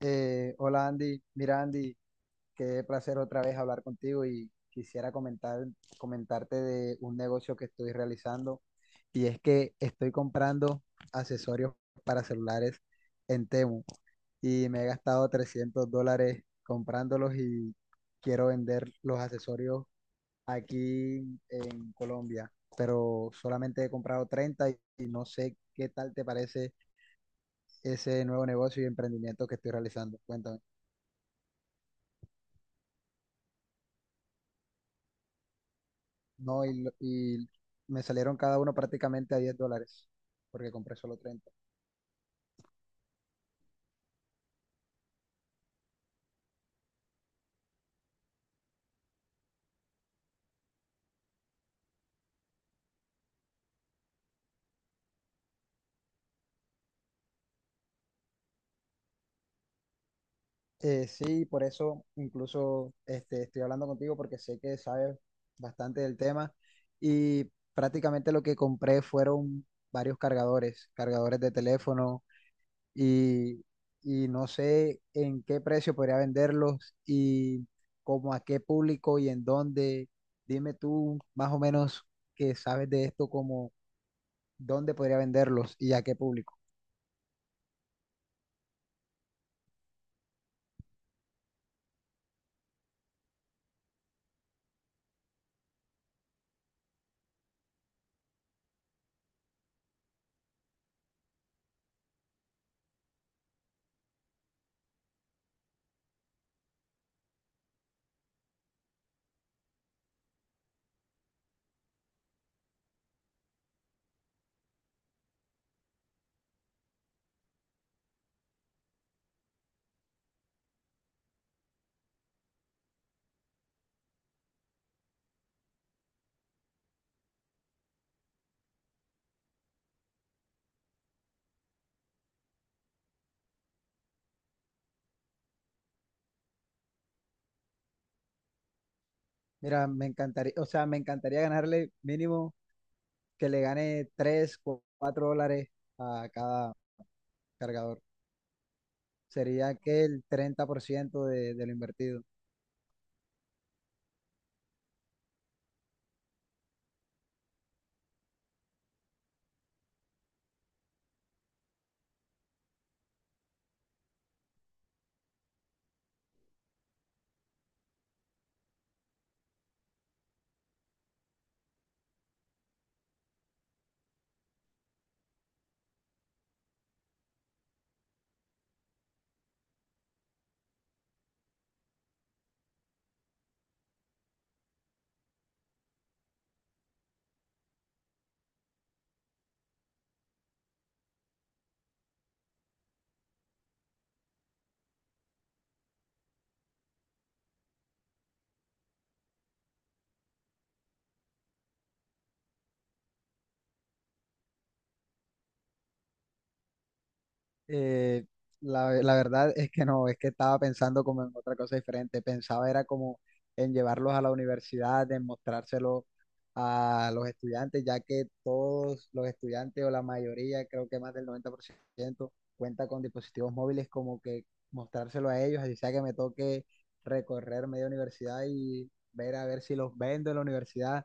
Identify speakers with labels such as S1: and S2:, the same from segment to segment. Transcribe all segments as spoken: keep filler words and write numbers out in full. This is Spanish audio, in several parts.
S1: Eh, hola Andy, mira Andy, qué placer otra vez hablar contigo y quisiera comentar, comentarte de un negocio que estoy realizando y es que estoy comprando accesorios para celulares en Temu y me he gastado trescientos dólares comprándolos y quiero vender los accesorios aquí en Colombia, pero solamente he comprado treinta y, y no sé qué tal te parece ese nuevo negocio y emprendimiento que estoy realizando. Cuéntame. No, y, lo- y me salieron cada uno prácticamente a diez dólares, porque compré solo treinta. Eh, sí, por eso incluso este, estoy hablando contigo porque sé que sabes bastante del tema y prácticamente lo que compré fueron varios cargadores, cargadores de teléfono y, y no sé en qué precio podría venderlos y como a qué público y en dónde. Dime tú más o menos que sabes de esto dónde podría venderlos y a qué público. Mira, me encantaría, o sea, me encantaría ganarle mínimo que le gane tres, cuatro dólares a cada cargador. Sería que el treinta por ciento de, de lo invertido. Eh, la, la verdad es que no, es que estaba pensando como en otra cosa diferente. Pensaba era como en llevarlos a la universidad, en mostrárselo a los estudiantes, ya que todos los estudiantes o la mayoría, creo que más del noventa por ciento cuenta con dispositivos móviles, como que mostrárselo a ellos, así sea que me toque recorrer media universidad y ver a ver si los vendo en la universidad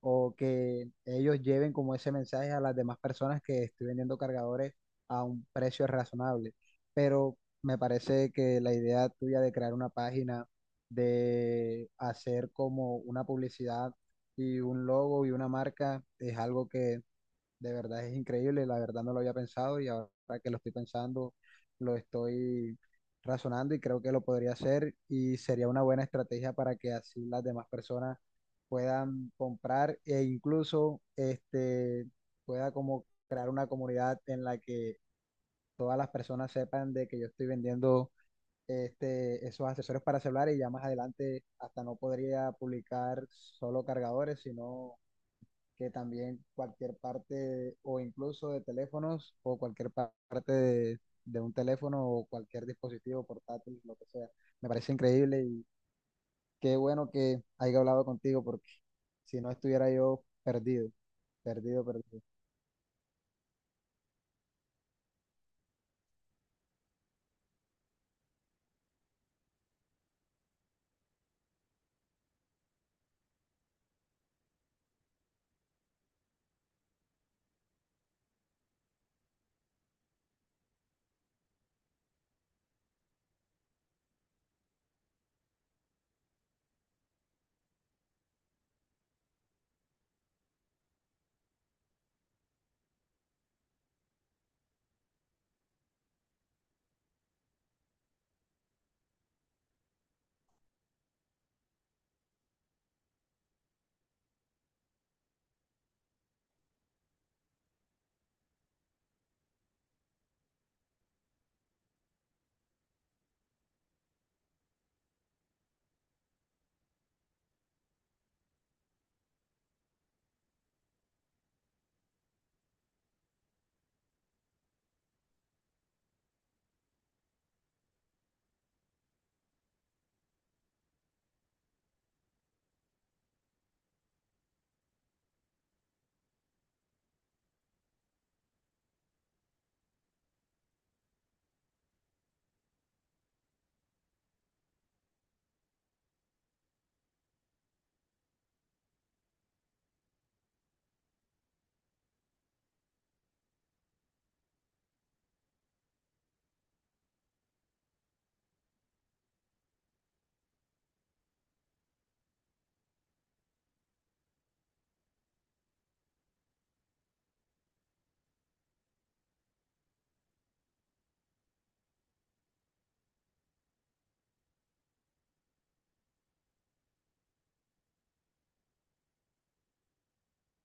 S1: o que ellos lleven como ese mensaje a las demás personas que estoy vendiendo cargadores a un precio razonable. Pero me parece que la idea tuya de crear una página, de hacer como una publicidad y un logo y una marca es algo que de verdad es increíble, la verdad no lo había pensado y ahora que lo estoy pensando, lo estoy razonando y creo que lo podría hacer y sería una buena estrategia para que así las demás personas puedan comprar e incluso este, pueda como crear una comunidad en la que todas las personas sepan de que yo estoy vendiendo este, esos accesorios para celulares y ya más adelante hasta no podría publicar solo cargadores, sino que también cualquier parte o incluso de teléfonos o cualquier pa- parte de, de un teléfono o cualquier dispositivo portátil, lo que sea. Me parece increíble y qué bueno que haya hablado contigo porque si no estuviera yo perdido, perdido, perdido.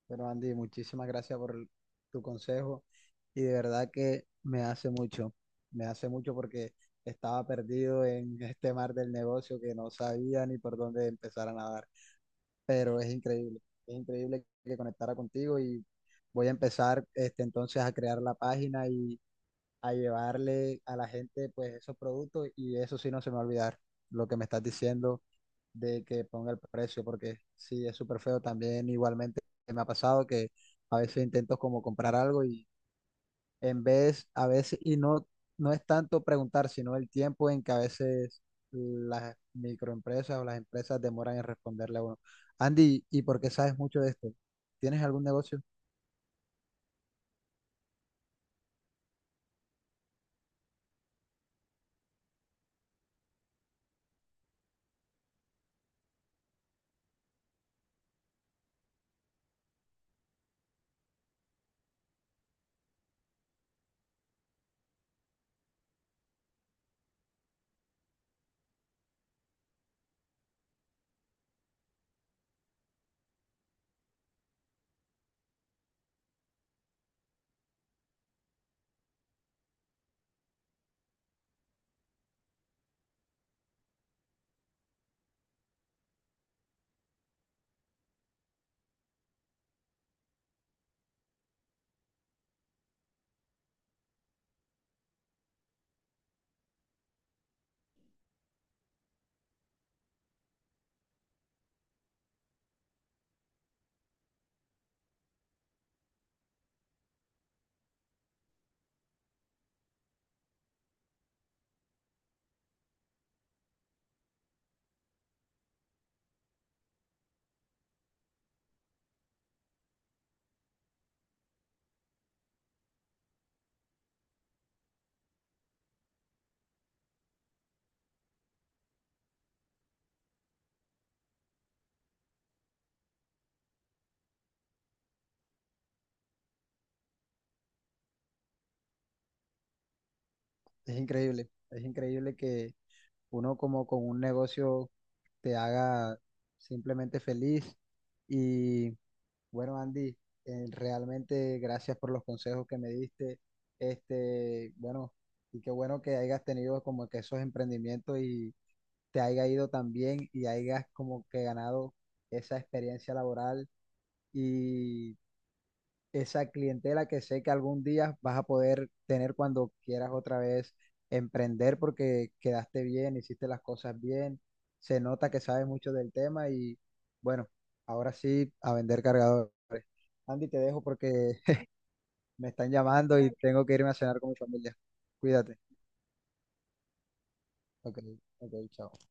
S1: Pero Andy, muchísimas gracias por el- tu consejo y de verdad que me hace mucho, me hace mucho porque estaba perdido en este mar del negocio que no sabía ni por dónde empezar a nadar. Pero es increíble, es increíble que conectara contigo y voy a empezar este, entonces a crear la página y a llevarle a la gente pues esos productos y eso sí no se me va a olvidar lo que me estás diciendo de que ponga el precio porque sí es súper feo también igualmente me ha pasado que a veces intento como comprar algo y en vez, a veces, y no, no es tanto preguntar, sino el tiempo en que a veces las microempresas o las empresas demoran en responderle a uno. Andy, ¿y por qué sabes mucho de esto? ¿Tienes algún negocio? Es increíble, es increíble que uno como con un negocio te haga simplemente feliz. Y bueno, Andy, eh, realmente gracias por los consejos que me diste. Este, bueno, y qué bueno que hayas tenido como que esos emprendimientos y te haya ido tan bien y hayas como que ganado esa experiencia laboral y esa clientela que sé que algún día vas a poder tener cuando quieras otra vez emprender porque quedaste bien, hiciste las cosas bien, se nota que sabes mucho del tema y bueno, ahora sí a vender cargadores. Andy, te dejo porque me están llamando y tengo que irme a cenar con mi familia. Cuídate. Ok, ok, chao.